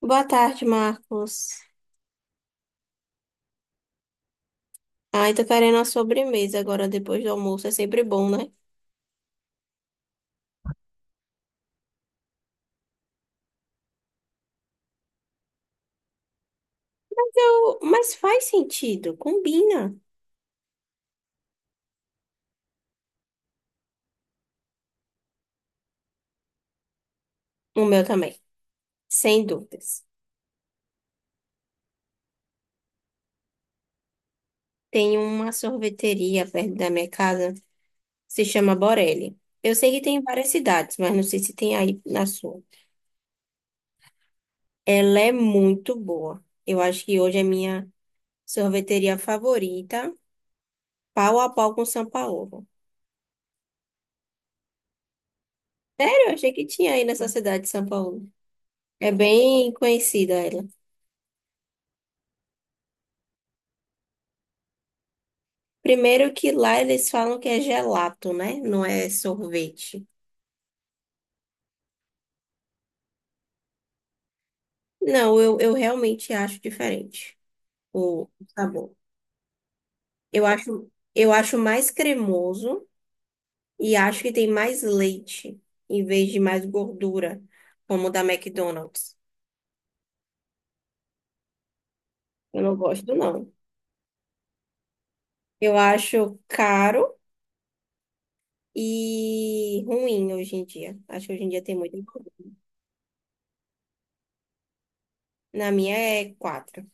Boa tarde, Marcos. Ai, tô querendo uma sobremesa agora depois do almoço. É sempre bom, né? Mas faz sentido, combina. O meu também, sem dúvidas. Tem uma sorveteria perto da minha casa, se chama Borelli. Eu sei que tem em várias cidades, mas não sei se tem aí na sua. Ela é muito boa. Eu acho que hoje é minha sorveteria favorita, pau a pau com São Paulo. Sério, eu achei que tinha aí nessa cidade de São Paulo. É bem conhecida ela. Primeiro que lá eles falam que é gelato, né? Não é sorvete. Não, eu realmente acho diferente o sabor. Eu acho, eu acho mais cremoso e acho que tem mais leite em vez de mais gordura, como o da McDonald's. Eu não gosto, não. Eu acho caro e ruim hoje em dia. Acho que hoje em dia tem muito gordura. Na minha é quatro.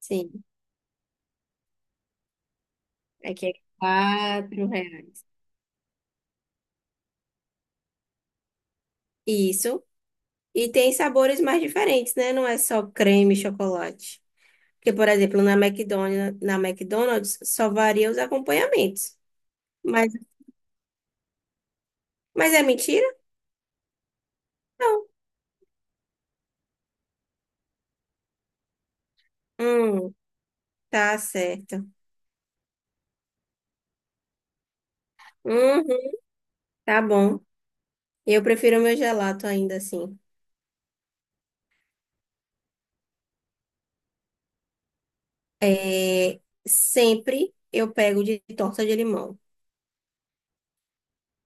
Sim, aqui é R$ 4. Isso. E tem sabores mais diferentes, né? Não é só creme e chocolate. Porque, por exemplo, na McDonald's só varia os acompanhamentos. Mas, mas é mentira? Não. Hum, tá certo. Uhum, tá bom. Eu prefiro meu gelato ainda assim. É, sempre eu pego de torta de limão.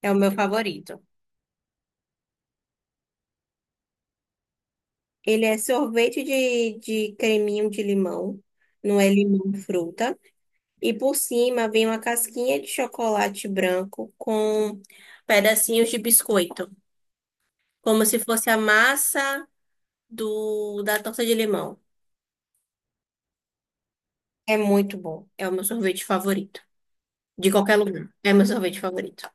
É o meu favorito. Ele é sorvete de creminho de limão. Não é limão fruta. E por cima vem uma casquinha de chocolate branco com pedacinhos de biscoito, como se fosse a massa do da torta de limão. É muito bom. É o meu sorvete favorito. De qualquer lugar. É meu sorvete favorito.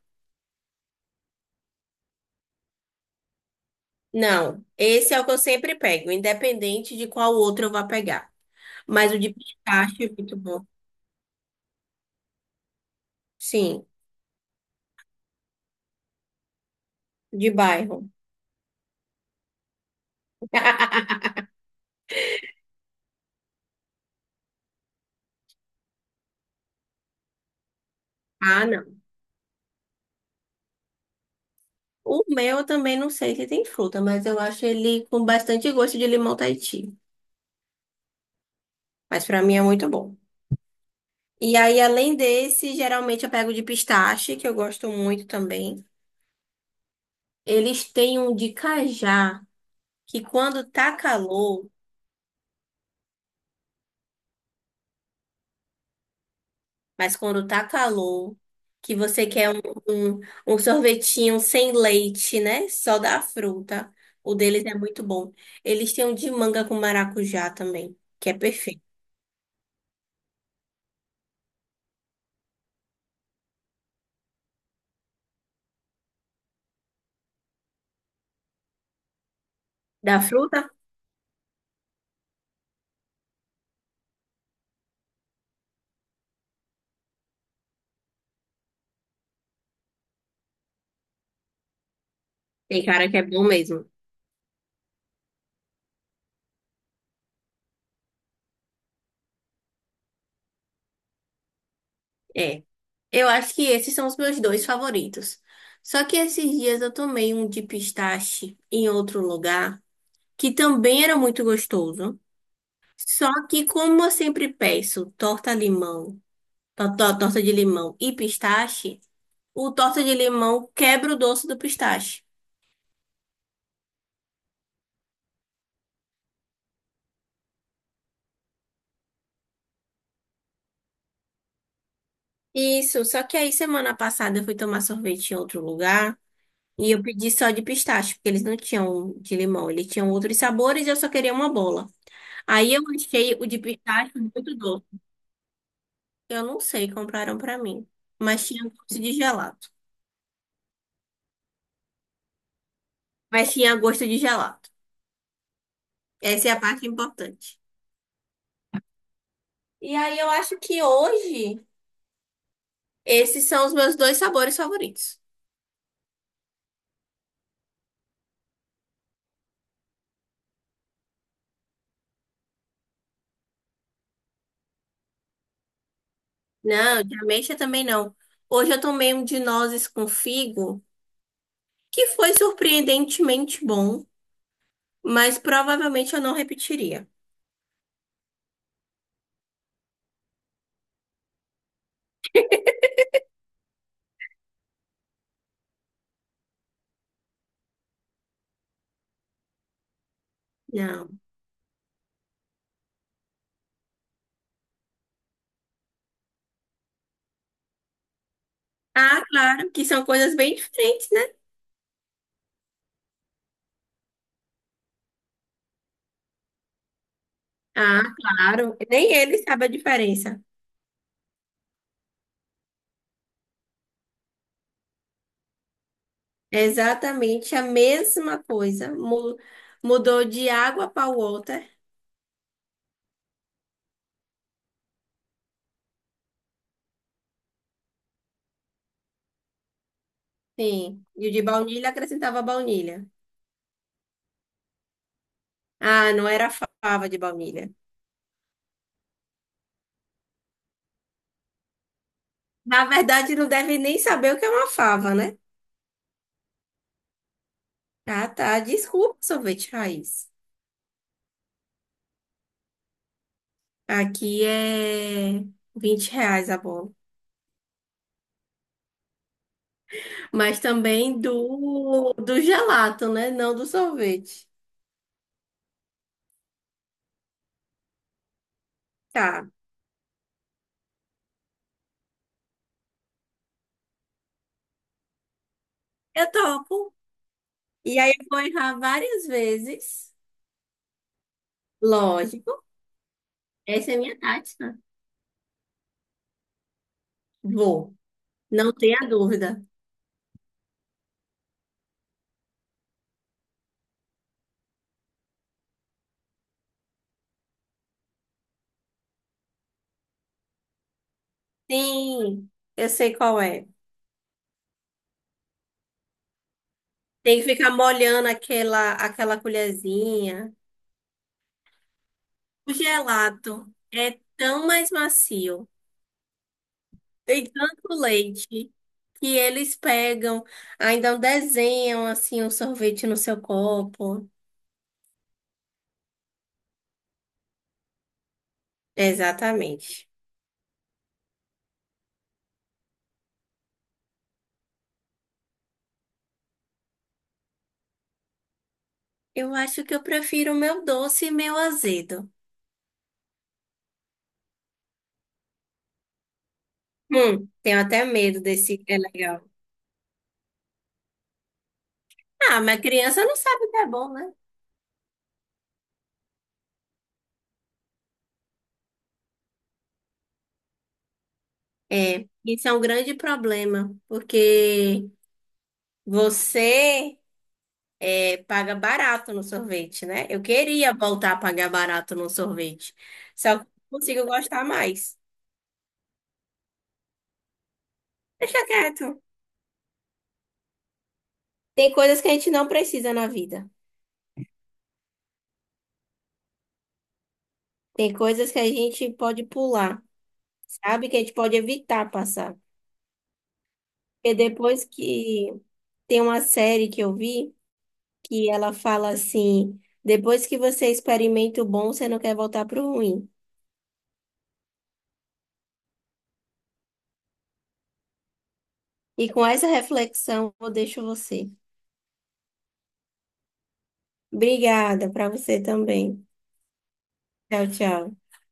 Não, esse é o que eu sempre pego, independente de qual outro eu vá pegar. Mas o de pistache é muito bom. Sim, de bairro. Ah, não. O meu eu também não sei se tem fruta, mas eu acho ele com bastante gosto de limão Tahiti. Mas pra mim é muito bom. E aí, além desse, geralmente eu pego de pistache, que eu gosto muito também. Eles têm um de cajá, que quando tá calor, mas quando tá calor, que você quer um, um sorvetinho sem leite, né? Só da fruta. O deles é muito bom. Eles têm um de manga com maracujá também, que é perfeito. Da fruta, tem cara que é bom mesmo. É. Eu acho que esses são os meus dois favoritos. Só que esses dias eu tomei um de pistache em outro lugar, que também era muito gostoso. Só que, como eu sempre peço torta limão, torta de limão e pistache, o torta de limão quebra o doce do pistache. Isso, só que aí semana passada eu fui tomar sorvete em outro lugar e eu pedi só de pistache, porque eles não tinham de limão, eles tinham outros sabores e eu só queria uma bola. Aí eu achei o de pistache muito doce. Eu não sei, compraram pra mim. Mas tinha gosto de gelato. Mas tinha gosto de gelato. Essa é a parte importante. E aí eu acho que hoje esses são os meus dois sabores favoritos. Não, de ameixa também não. Hoje eu tomei um de nozes com figo, que foi surpreendentemente bom, mas provavelmente eu não repetiria. Não. Ah, claro, que são coisas bem diferentes, né? Ah, claro. Nem ele sabe a diferença. É exatamente a mesma coisa. Mudou de água para o water. Sim. E o de baunilha acrescentava baunilha. Ah, não era fava de baunilha. Na verdade, não deve nem saber o que é uma fava, né? Ah, tá. Desculpa, sorvete raiz. Aqui é R$ 20 a bola. Mas também do gelato, né? Não do sorvete. Tá. Eu topo. E aí eu vou errar várias vezes. Lógico. Essa é minha tática. Vou, não tenha dúvida. Sim, eu sei qual é. Tem que ficar molhando aquela colherzinha. O gelato é tão mais macio, tem tanto leite, que eles pegam, ainda desenham assim um sorvete no seu copo. Exatamente. Eu acho que eu prefiro o meu doce e meu azedo. Tenho até medo desse que é legal. Ah, mas criança não sabe o que é bom, né? É, isso é um grande problema, porque você é, paga barato no sorvete, né? Eu queria voltar a pagar barato no sorvete, só que não consigo gostar mais. Deixa quieto. Tem coisas que a gente não precisa na vida. Tem coisas que a gente pode pular, sabe? Que a gente pode evitar passar. Porque depois que tem uma série que eu vi que ela fala assim: depois que você experimenta o bom, você não quer voltar pro ruim. E com essa reflexão, eu deixo você. Obrigada para você também. Tchau, tchau.